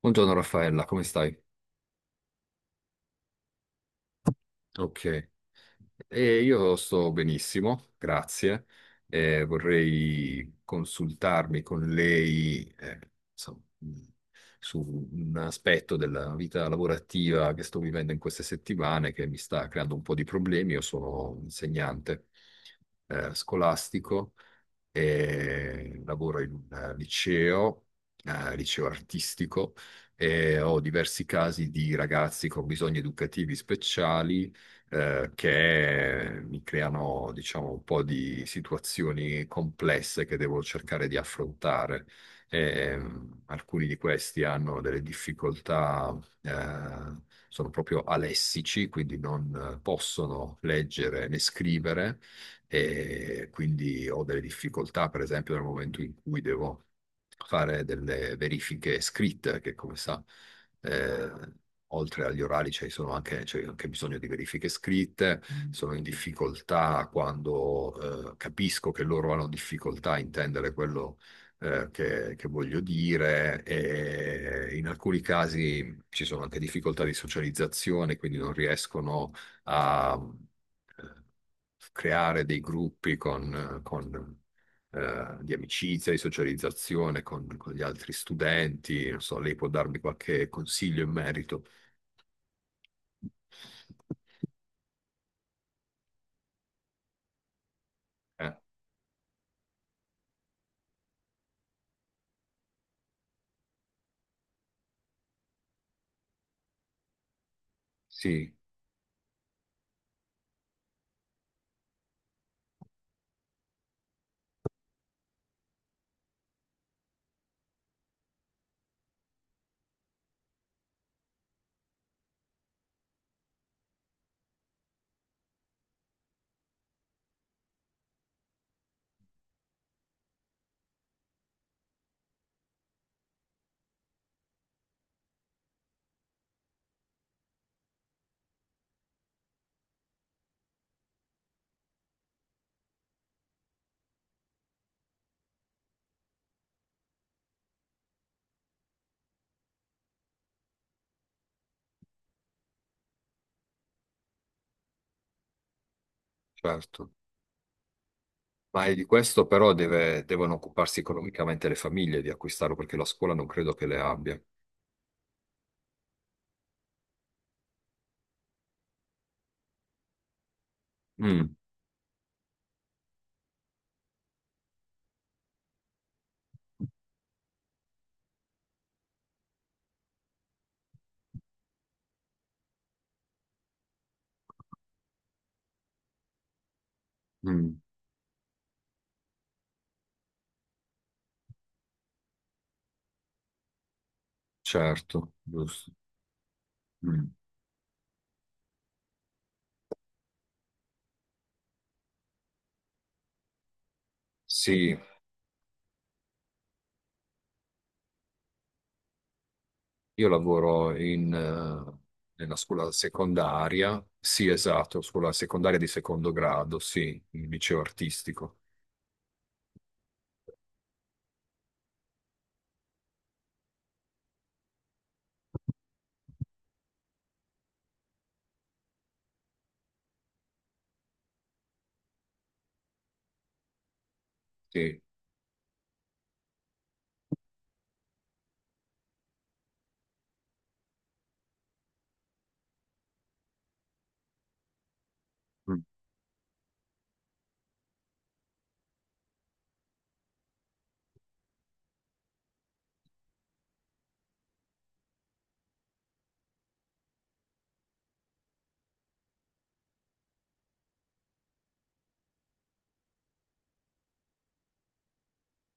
Buongiorno Raffaella, come stai? Ok. Io sto benissimo, grazie. Vorrei consultarmi con lei, insomma, mh, su un aspetto della vita lavorativa che sto vivendo in queste settimane che mi sta creando un po' di problemi. Io sono un insegnante scolastico e lavoro in un liceo, liceo artistico, e ho diversi casi di ragazzi con bisogni educativi speciali che mi creano, diciamo, un po' di situazioni complesse che devo cercare di affrontare. Alcuni di questi hanno delle difficoltà, sono proprio alessici, quindi non possono leggere né scrivere e quindi ho delle difficoltà, per esempio, nel momento in cui devo fare delle verifiche scritte, che come sa, eh, oltre agli orali c'è anche bisogno di verifiche scritte. Mm. Sono in difficoltà quando, capisco che loro hanno difficoltà a intendere quello che voglio dire, e in alcuni casi ci sono anche difficoltà di socializzazione, quindi non riescono a eh, creare dei gruppi di amicizia, di socializzazione con gli altri studenti. Non so, lei può darmi qualche consiglio in merito. Eh, sì, certo. Ma di questo però devono occuparsi economicamente le famiglie di acquistarlo, perché la scuola non credo che le abbia. Mm, mm, certo, giusto. Mm. Sì, io lavoro in, nella scuola secondaria, sì, esatto, scuola secondaria di secondo grado, sì, il liceo artistico, sì. Mm.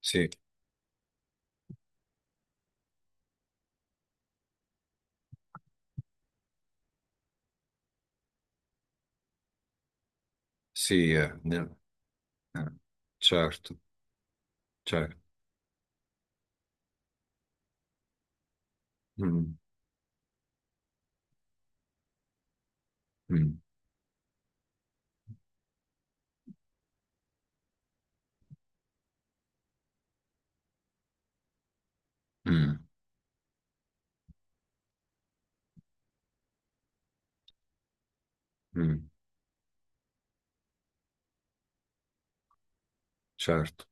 Sì, sì, eh, certo, certo. Mm, mm, mm, mm, certo.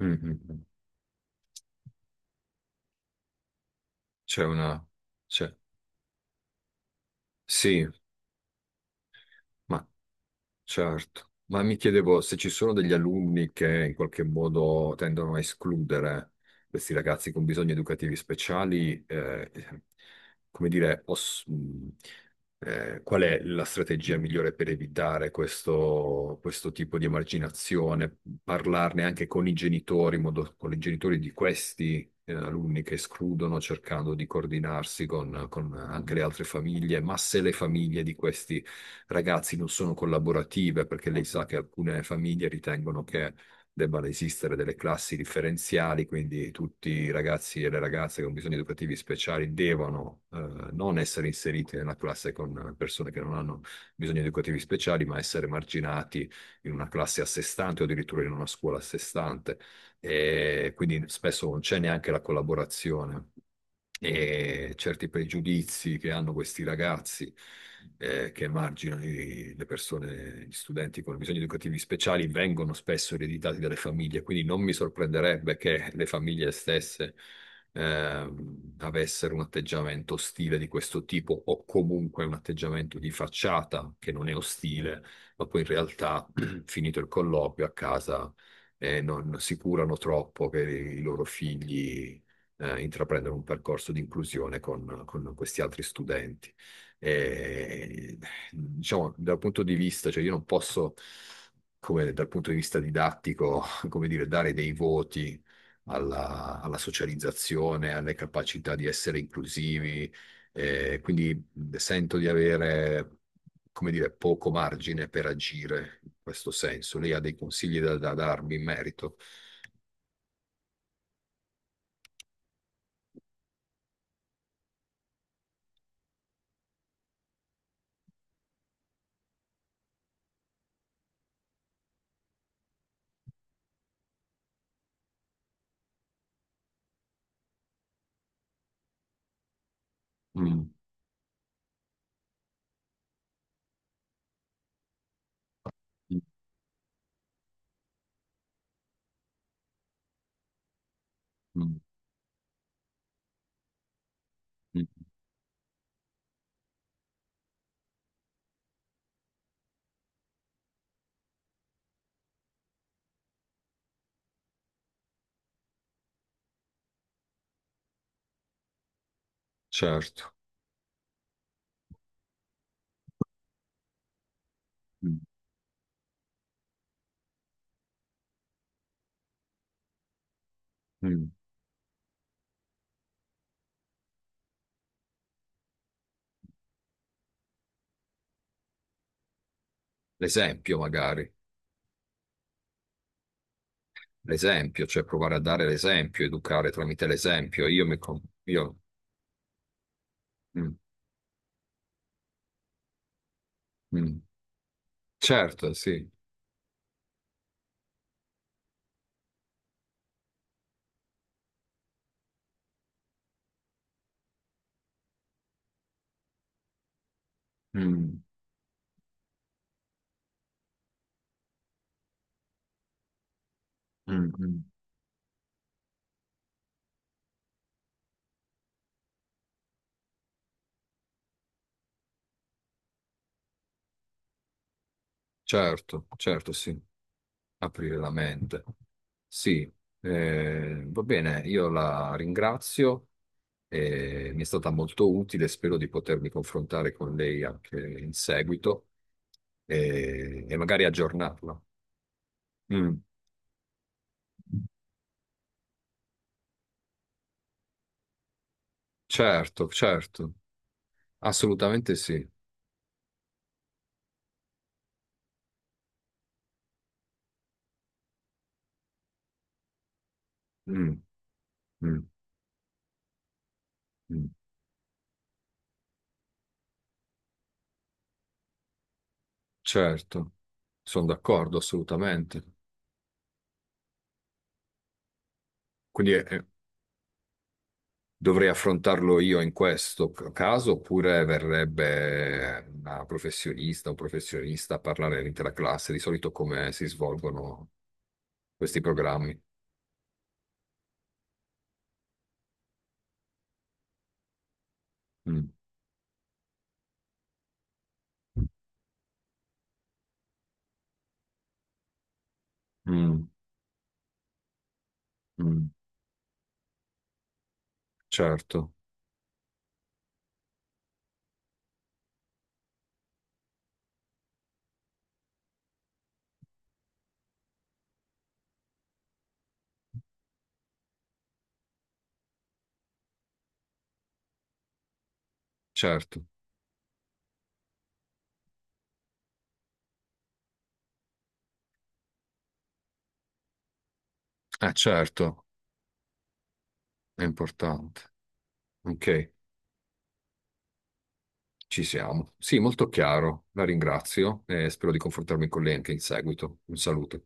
Mm, mm, mm. C'è una, c'è, sì, ma... Certo, ma mi chiedevo se ci sono degli alunni che in qualche modo tendono a escludere questi ragazzi con bisogni educativi speciali, come dire, qual è la strategia migliore per evitare questo, questo tipo di emarginazione? Parlarne anche con i genitori, in modo, con i genitori di questi, alunni che escludono, cercando di coordinarsi con anche le altre famiglie. Ma se le famiglie di questi ragazzi non sono collaborative, perché lei sa che alcune famiglie ritengono che debbano esistere delle classi differenziali, quindi tutti i ragazzi e le ragazze con bisogni educativi speciali devono non essere inseriti nella classe con persone che non hanno bisogni educativi speciali, ma essere marginati in una classe a sé stante o addirittura in una scuola a sé stante. E quindi spesso non c'è neanche la collaborazione, e certi pregiudizi che hanno questi ragazzi, che emarginano le persone, gli studenti con bisogni educativi speciali, vengono spesso ereditati dalle famiglie, quindi non mi sorprenderebbe che le famiglie stesse avessero un atteggiamento ostile di questo tipo, o comunque un atteggiamento di facciata che non è ostile, ma poi in realtà, finito il colloquio a casa, non si curano troppo che i loro figli intraprendere un percorso di inclusione con questi altri studenti. E, diciamo, dal punto di vista, cioè io non posso, come dal punto di vista didattico, come dire, dare dei voti alla, alla socializzazione, alle capacità di essere inclusivi, quindi sento di avere... come dire, poco margine per agire in questo senso. Lei ha dei consigli da, da darmi in merito? Mm, mm, mm, mm. Certo. Mm. L'esempio magari, l'esempio, cioè provare a dare l'esempio, educare tramite l'esempio. Io mi... Io... Mm, mm. Certo, sì. Mm, mm, mm. Certo, certo, sì. Aprire la mente. Sì, va bene, io la ringrazio, mi è stata molto utile, spero di potermi confrontare con lei anche in seguito, e magari aggiornarla. Mm. Certo, certo, assolutamente sì. Mm, mm, mm. Certo, sono d'accordo assolutamente. Quindi dovrei affrontarlo io in questo caso, oppure verrebbe una professionista o un professionista a parlare all'intera classe? Di solito come si svolgono questi programmi? Mm, mm, mm. Certo, certo. Ah, certo, è importante. Ok, ci siamo. Sì, molto chiaro, la ringrazio e spero di confrontarmi con lei anche in seguito. Un saluto.